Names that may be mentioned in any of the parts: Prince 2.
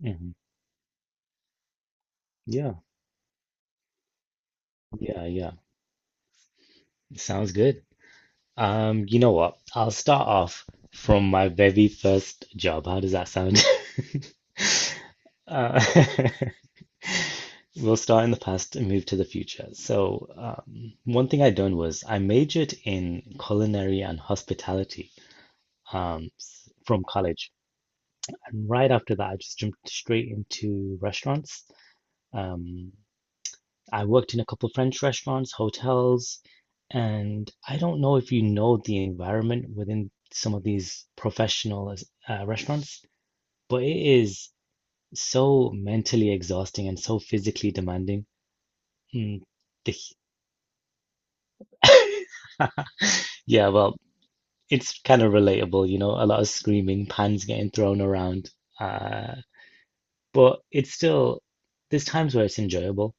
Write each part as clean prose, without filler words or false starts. Mhm. Yeah, yeah, yeah. Sounds good. You know what? I'll start off from my very first job. How does that sound? Uh, we'll start in the past and move to the future. So, one thing I'd done was I majored in culinary and hospitality, from college. And right after that, I just jumped straight into restaurants. Um, I worked in a couple French restaurants, hotels, and I don't know if you know the environment within some of these professional restaurants, but it is so mentally exhausting and so physically demanding. Mm, the- yeah, well, it's kind of relatable, you know, a lot of screaming, pans getting thrown around. Uh, but it's still, there's times where it's enjoyable.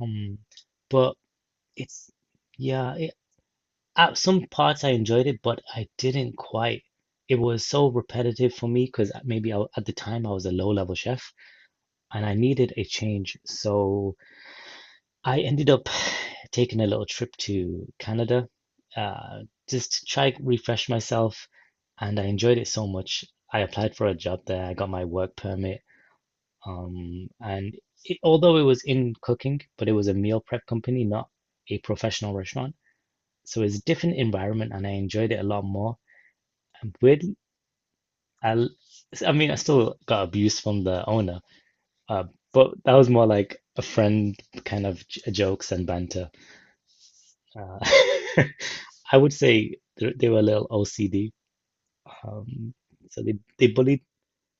Um, but it's, yeah, At some parts I enjoyed it, but I didn't quite. It was so repetitive for me because at the time I was a low-level chef and I needed a change. So I ended up taking a little trip to Canada, uh, just to try refresh myself, and I enjoyed it so much. I applied for a job there. I got my work permit, and it, although it was in cooking, but it was a meal prep company, not a professional restaurant. So it's a different environment, and I enjoyed it a lot more. Weirdly, I, I mean, I still got abuse from the owner, uh, but that was more like a friend kind of j jokes and banter. Uh, I would say they were a little OCD, um, so they bullied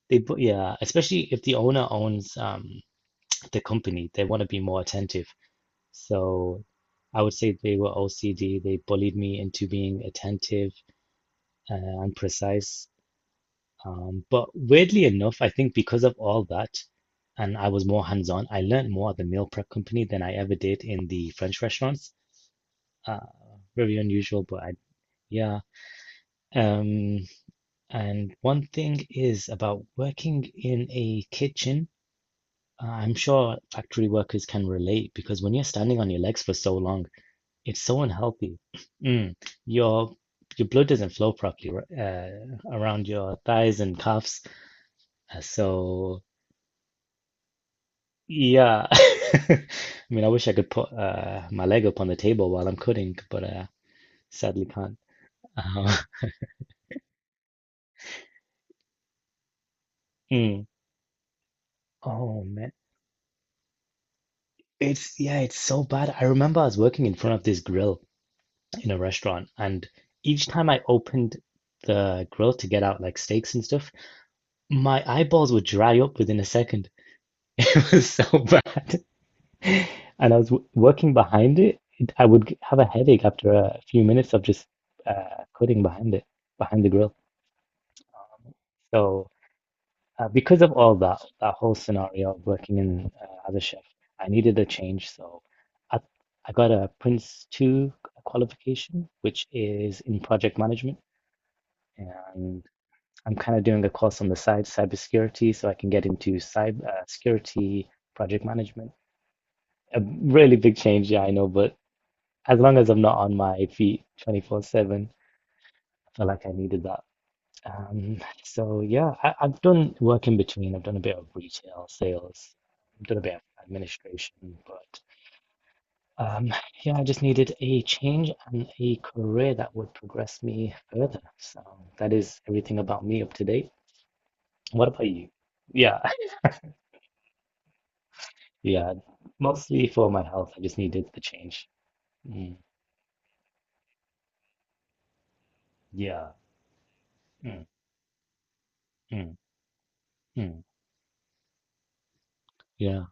they bu yeah, especially if the owner owns the company, they want to be more attentive. So I would say they were OCD. They bullied me into being attentive uh, and precise. But weirdly enough, I think because of all that, and I was more hands-on, I learned more at the meal prep company than I ever did in the French restaurants. Uh, very unusual, yeah. Um, and one thing is about working in a kitchen. I'm sure factory workers can relate because when you're standing on your legs for so long, it's so unhealthy. Mm, your blood doesn't flow properly around your thighs and calves. Uh, so. Yeah. I mean, I wish I could put my leg up on the table while I'm coding, but sadly can't. Uh, mm. Oh man, it's so bad. I remember I was working in front of this grill in a restaurant, and each time I opened the grill to get out like steaks and stuff, my eyeballs would dry up within a second. It was so bad. And I was w working behind it. I would have a headache after a few minutes of just coding behind it, behind the grill. So, because of all that, that whole scenario of working in as a chef, I needed a change. So, I, I got a Prince 2 qualification, which is in project management. And I'm kind of doing a course on the side, cybersecurity, so I can get into cyber security, project management. A really big change, yeah, I know, but as long as I'm not on my feet 24/7, I feel like I needed that. So yeah, I've done work in between. I've done a bit of retail sales, I've done a bit of administration, but um, yeah, I just needed a change and a career that would progress me further. So that is everything about me up to date. What about you? Yeah, yeah, mostly for my health. I just needed the change. Mm, yeah, mm, mm, mm, yeah.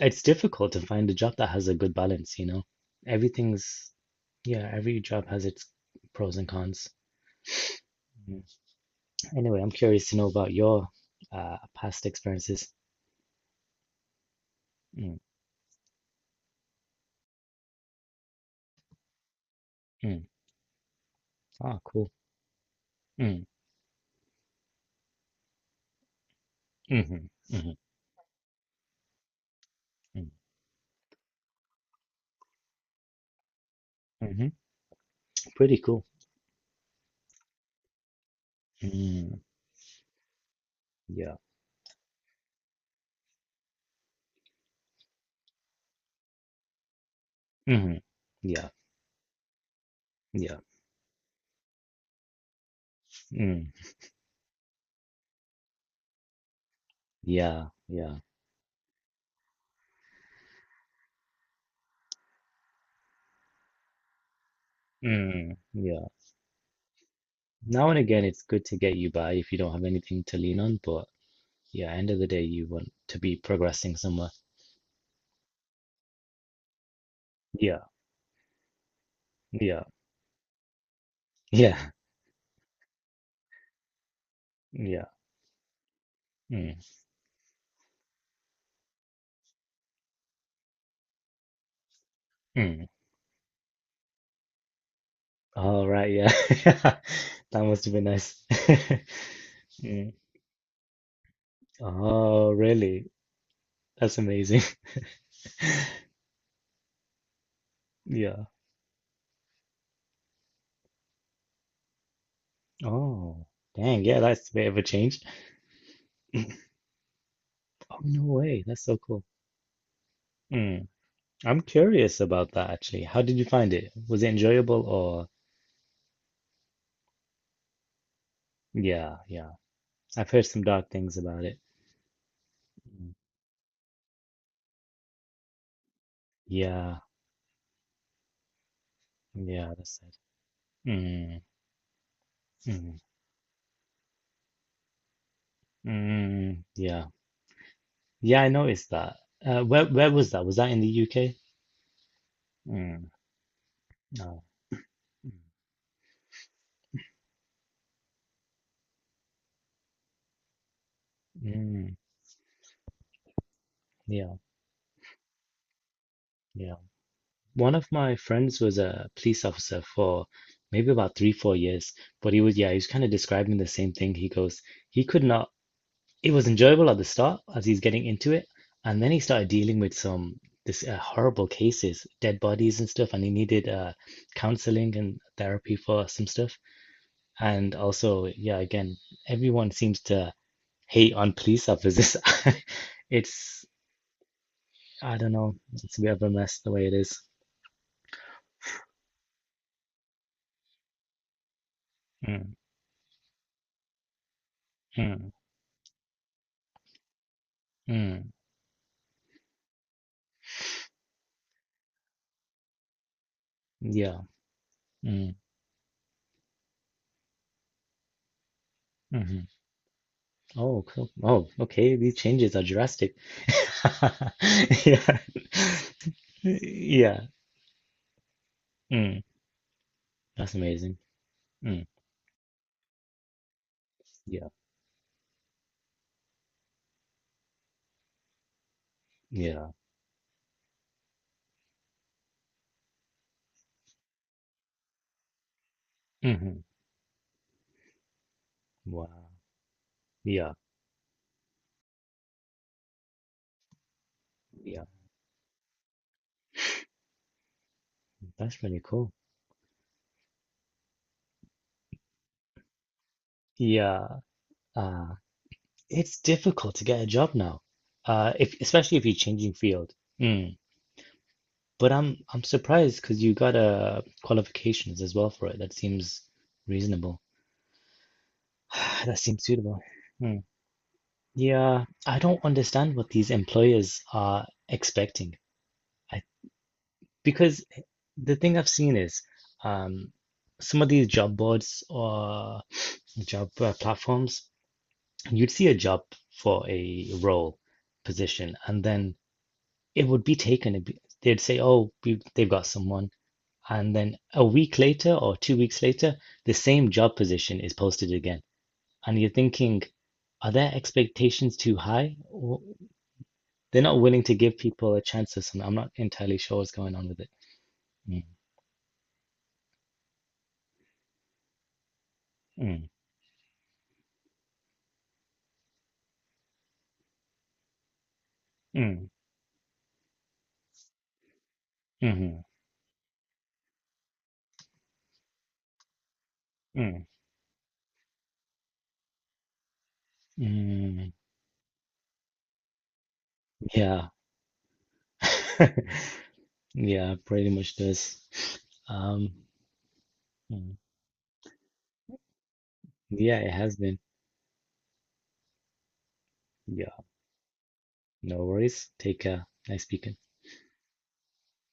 It's difficult to find a job that has a good balance, you know. Everything's, yeah, every job has its pros and cons. Mm. Anyway, I'm curious to know about your past experiences. Mm, mm. Ah, cool. Mm, mm, mm, mm, hmm. Pretty cool. Mm, yeah. Mm-hmm. Yeah. Yeah. Mm, yeah. Yeah. Mm, yeah. Now and again, it's good to get you by if you don't have anything to lean on, but yeah, end of the day, you want to be progressing somewhere. Yeah. Yeah. Yeah. Yeah. Mm. Mm. All right. Yeah. That must have been nice. Mm. Oh, really? That's amazing. Yeah. Oh, dang. Yeah, that's a bit of a change. Oh, no way. That's so cool. Mm. I'm curious about that actually. How did you find it? Was it enjoyable or? Yeah. Yeah. I've heard some dark things about it. Mm. Yeah. Yeah. That's it. Mm. Mm. Mm. Mm, yeah. Yeah. I noticed that. Where was that? Was that in the UK? Mm, no. Mm, mm, yeah, yeah. One of my friends was a police officer for maybe about three, 4 years, but yeah, he was kind of describing the same thing. He goes, he could not, it was enjoyable at the start as he's getting into it, and then he started dealing with some this horrible cases, dead bodies and stuff, and he needed counseling and therapy for some stuff. And also, yeah, again, everyone seems to hate on police officers. It's I don't know. It's a bit of a mess the way it is. Mm, mm, mm, yeah. Mm, hmm. Oh, cool. Oh, okay. These changes are drastic. Yeah. Yeah. Mm, that's amazing. Mm, yeah. Yeah. Hmm. Wow. Yeah. Yeah. That's really cool. Yeah. Uh, it's difficult to get a job now. If Especially if you're changing field. Mm. But I'm surprised because you got qualifications as well for it. That seems reasonable. That seems suitable. Hmm. Yeah, I don't understand what these employers are expecting. I because the thing I've seen is um some of these job boards or job platforms, you'd see a job for a role position, and then it would be taken. It'd be, they'd say, "Oh, they've got someone." And then a week later or 2 weeks later, the same job position is posted again. And you're thinking, are their expectations too high? Or they're not willing to give people a chance or something. I'm not entirely sure what's going on with it. Mm, mm, mm, mhm, mm, mm. Yeah. Yeah, pretty much does. Um, mm. Yeah, it has been. Yeah, no worries. Take care. Nice speaking.